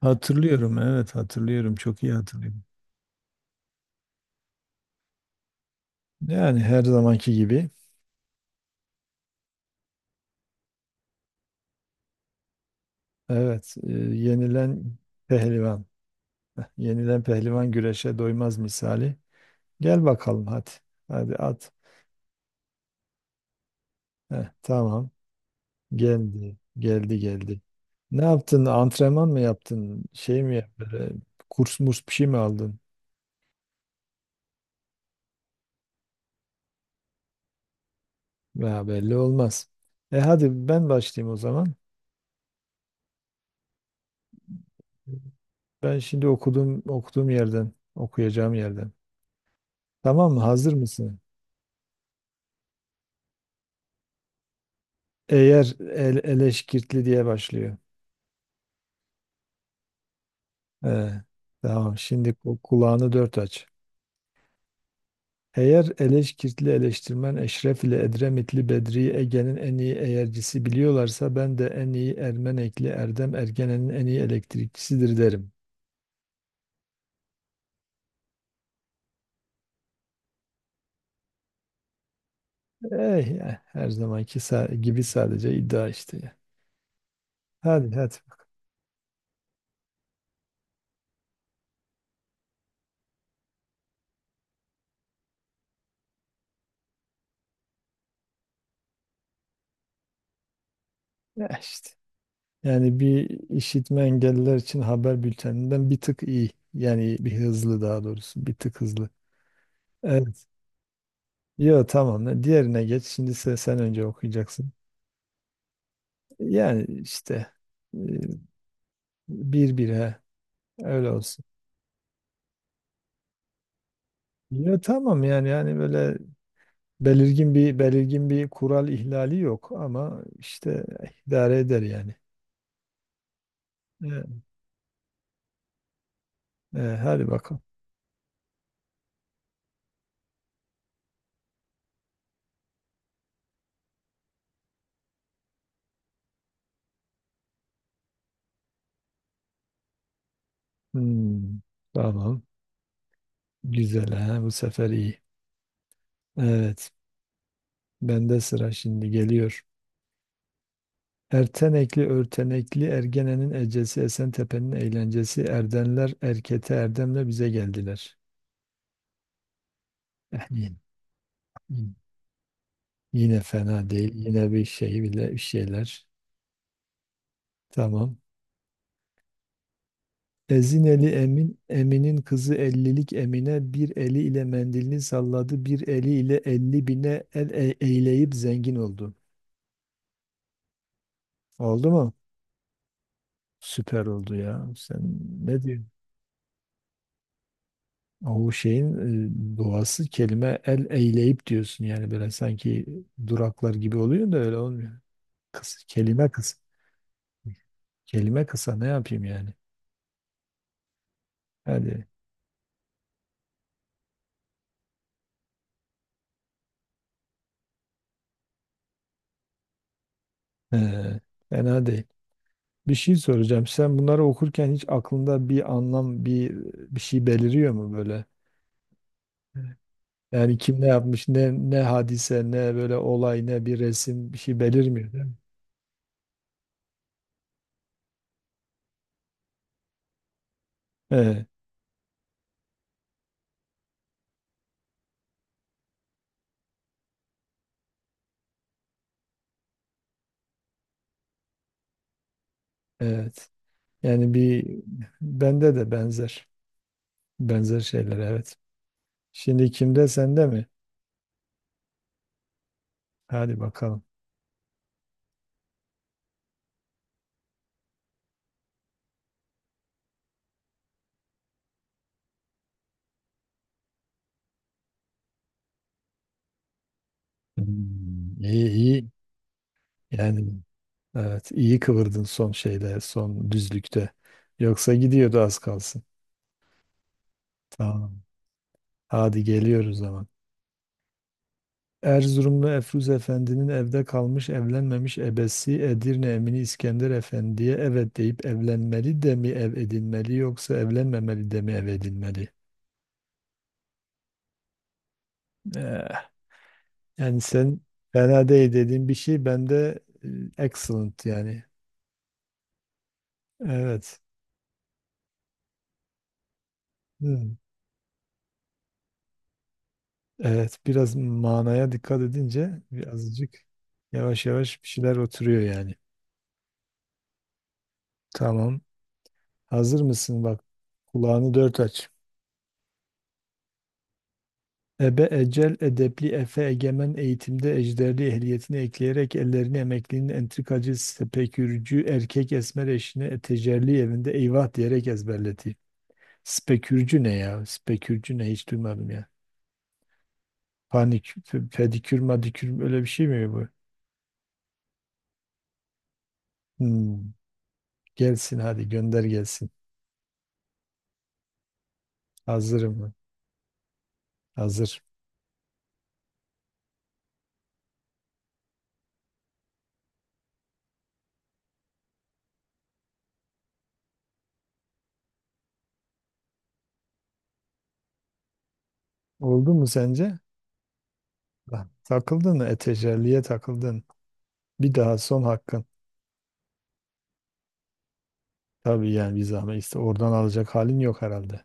Hatırlıyorum, evet hatırlıyorum. Çok iyi hatırlıyorum. Yani her zamanki gibi. Evet, yenilen pehlivan. Yenilen pehlivan güreşe doymaz misali. Gel bakalım hadi. Hadi at. Heh, tamam. Geldi, geldi, geldi. Ne yaptın? Antrenman mı yaptın? Böyle kurs murs bir şey mi aldın? Ya belli olmaz. Hadi ben başlayayım o zaman. Ben şimdi okuduğum yerden, okuyacağım yerden. Tamam mı? Hazır mısın? Eğer eleşkirtli diye başlıyor. Ee, tamam şimdi kulağını dört aç. Eğer eleşkirtli eleştirmen Eşref ile Edremitli Bedri Ege'nin en iyi eğercisi biliyorlarsa ben de en iyi Ermenekli Erdem Ergenen'in en iyi elektrikçisidir derim. Her zamanki gibi sadece iddia işte, ya. Hadi hadi. Eh işte. Yani bir işitme engelliler için haber bülteninden bir tık iyi. Yani bir hızlı, daha doğrusu bir tık hızlı. Evet. Yo, tamam. Diğerine geç. Şimdi sen önce okuyacaksın. Yani işte, e, bir bir he. Öyle olsun. Yo tamam, yani böyle belirgin bir kural ihlali yok ama işte idare eder yani. E, Hadi bakalım. Hmm, tamam. Güzel he. Bu sefer iyi. Evet. Bende sıra şimdi geliyor. Ertenekli örtenekli Ergene'nin ecesi Esentepe'nin eğlencesi Erdenler Erkete Erdem'le bize geldiler. Eh, Yine, yine yine fena değil. Yine bir şey bile bir şeyler. Tamam. Ezineli Emin, Emin'in kızı ellilik Emine bir eli ile mendilini salladı, bir eli ile elli bine eyleyip zengin oldu. Oldu mu? Süper oldu ya. Sen ne diyorsun? O şeyin, doğası kelime el eyleyip diyorsun yani, böyle sanki duraklar gibi oluyor da öyle olmuyor. Kısa, kelime kısa. Kelime kısa, ne yapayım yani? Hadi. Ee, Fena değil. Bir şey soracağım. Sen bunları okurken hiç aklında bir anlam, bir şey beliriyor mu böyle? Yani kim ne yapmış, ne hadise, ne böyle olay, ne bir resim, bir şey belirmiyor değil mi? Evet, evet. Yani bende de benzer benzer şeyler, evet. Şimdi kimde, sende mi? Hadi bakalım. Hmm, iyi iyi. Yani evet, iyi kıvırdın son şeyde, son düzlükte. Yoksa gidiyordu az kalsın. Tamam. Hadi geliyoruz zaman. Erzurumlu Efruz Efendi'nin evde kalmış evlenmemiş ebesi Edirne Emini İskender Efendi'ye evet deyip evlenmeli de mi ev edinmeli, yoksa evlenmemeli de mi ev edinmeli? Eh, Yani sen fena değil dediğin bir şey bende, excellent yani. Evet. Hmm. Evet, biraz manaya dikkat edince birazcık yavaş yavaş bir şeyler oturuyor yani. Tamam. Hazır mısın? Bak, kulağını dört aç. Ebe ecel edepli efe egemen eğitimde ejderli ehliyetini ekleyerek ellerini emeklinin entrikacı spekürcü erkek esmer eşine tecelli evinde eyvah diyerek ezberleti. Spekürcü ne ya? Spekürcü ne, hiç duymadım ya. Panik, pedikür madikür, öyle bir şey mi bu? Hmm, Gelsin hadi, gönder gelsin. Hazırım mı? Hazır. Oldu mu sence? Bak, takıldın mı? Etecerliğe takıldın. Bir daha, son hakkın. Tabii yani, bir zahmet işte, oradan alacak halin yok herhalde.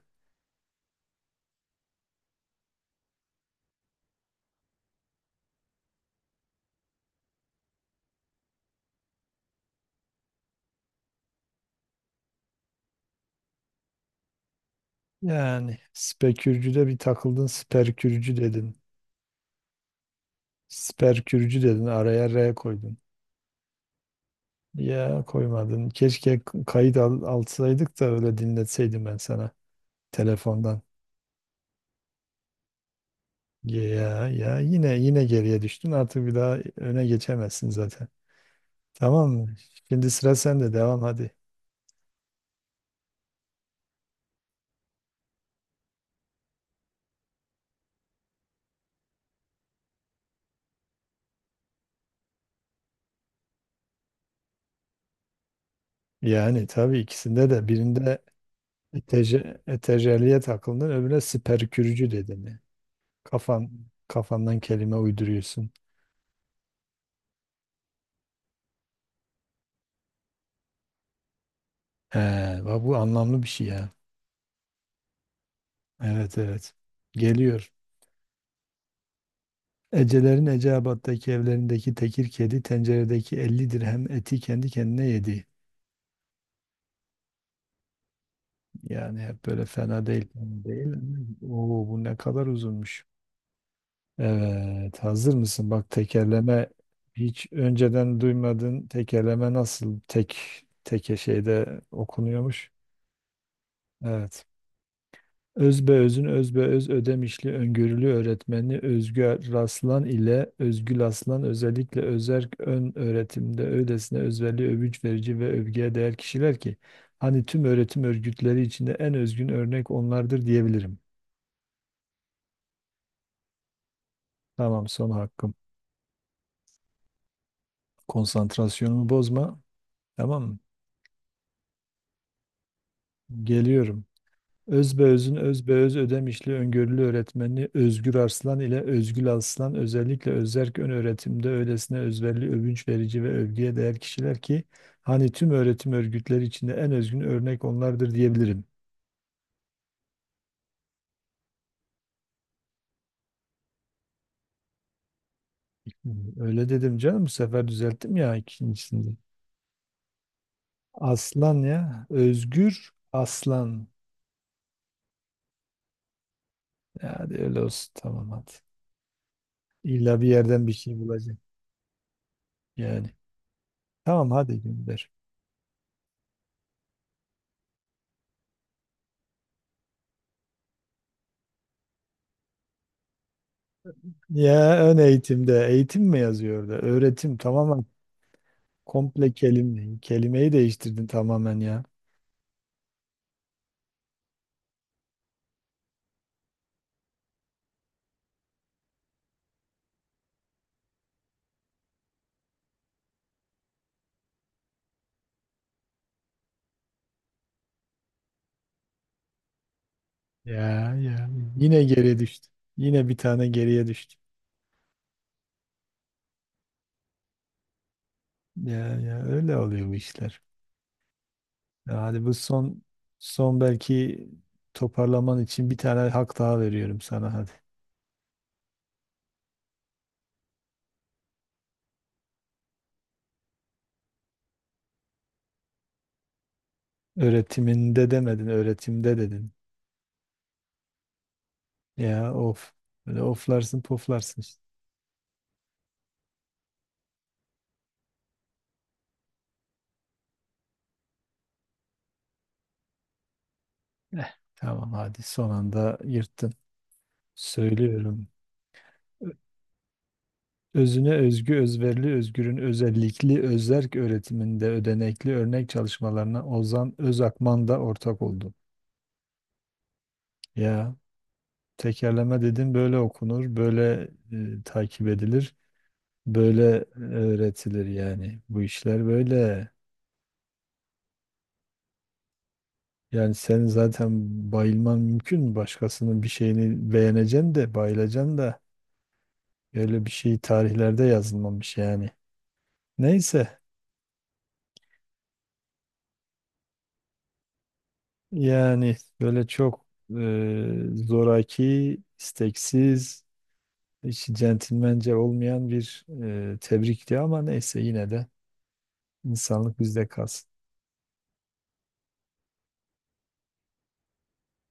Yani spekürcüde bir takıldın, sperkürcü dedin. Sperkürcü dedin, araya R koydun. Ya koymadın. Keşke kayıt alsaydık da öyle dinletseydim ben sana telefondan. Ya, yine geriye düştün, artık bir daha öne geçemezsin zaten. Tamam mı? Şimdi sıra sende. Devam hadi. Yani tabii, ikisinde de, birinde eteryalliye takıldın, öbürüne siperkürücü dedin. Kafan kafandan kelime uyduruyorsun. He, bak, bu anlamlı bir şey ya. Evet, evet. Geliyor. Ecelerin Eceabat'taki evlerindeki tekir kedi, tenceredeki 50 dirhem eti kendi kendine yedi. Yani hep böyle fena değil. Fena değil. Oo, bu ne kadar uzunmuş. Evet, hazır mısın? Bak, tekerleme hiç önceden duymadın. Tekerleme nasıl teke şeyde okunuyormuş? Evet. Özbeöz'ün özbeöz Ödemişli öngörülü öğretmeni Özgü Raslan ile Özgül Aslan özellikle özerk ön öğretimde öylesine özverili, övünç verici ve övgüye değer kişiler ki hani tüm öğretim örgütleri içinde en özgün örnek onlardır diyebilirim. Tamam, son hakkım. Konsantrasyonumu bozma. Tamam mı? Geliyorum. Özbeöz'ün Özbeöz Ödemişli öngörülü öğretmeni Özgür Arslan ile Özgül Arslan özellikle özerk ön öğretimde öylesine özverili, övünç verici ve övgüye değer kişiler ki hani tüm öğretim örgütleri içinde en özgün örnek onlardır diyebilirim. Öyle dedim canım, bu sefer düzelttim ya, ikincisinde. Aslan ya, Özgür Aslan. Ya hadi, öyle olsun, tamam hadi. İlla bir yerden bir şey bulacağım yani. Tamam, hadi gönder. Ya, ön eğitimde, eğitim mi yazıyor orada? Öğretim tamamen komple kelime. Kelimeyi değiştirdin tamamen ya. Ya ya, yine geriye düştü. Yine bir tane geriye düştü. Ya, öyle oluyor bu işler. Ya hadi, bu son belki toparlaman için bir tane hak daha veriyorum sana, hadi. Öğretiminde demedin, öğretimde dedin. Ya, of. Böyle oflarsın poflarsın işte. Tamam, hadi son anda yırttın. Söylüyorum. Özüne özgü, özverili, özgürün özellikli, özerk öğretiminde ödenekli örnek çalışmalarına Ozan Özakman da ortak oldu. Ya, tekerleme dedim böyle okunur, böyle, takip edilir, böyle öğretilir yani. Bu işler böyle. Yani sen zaten bayılman mümkün mü? Başkasının bir şeyini beğeneceksin de bayılacaksın da, öyle bir şey tarihlerde yazılmamış yani. Neyse. Yani böyle çok, zoraki, isteksiz, hiç centilmence olmayan bir, tebrikti ama neyse, yine de insanlık bizde kalsın.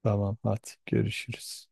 Tamam, hadi görüşürüz.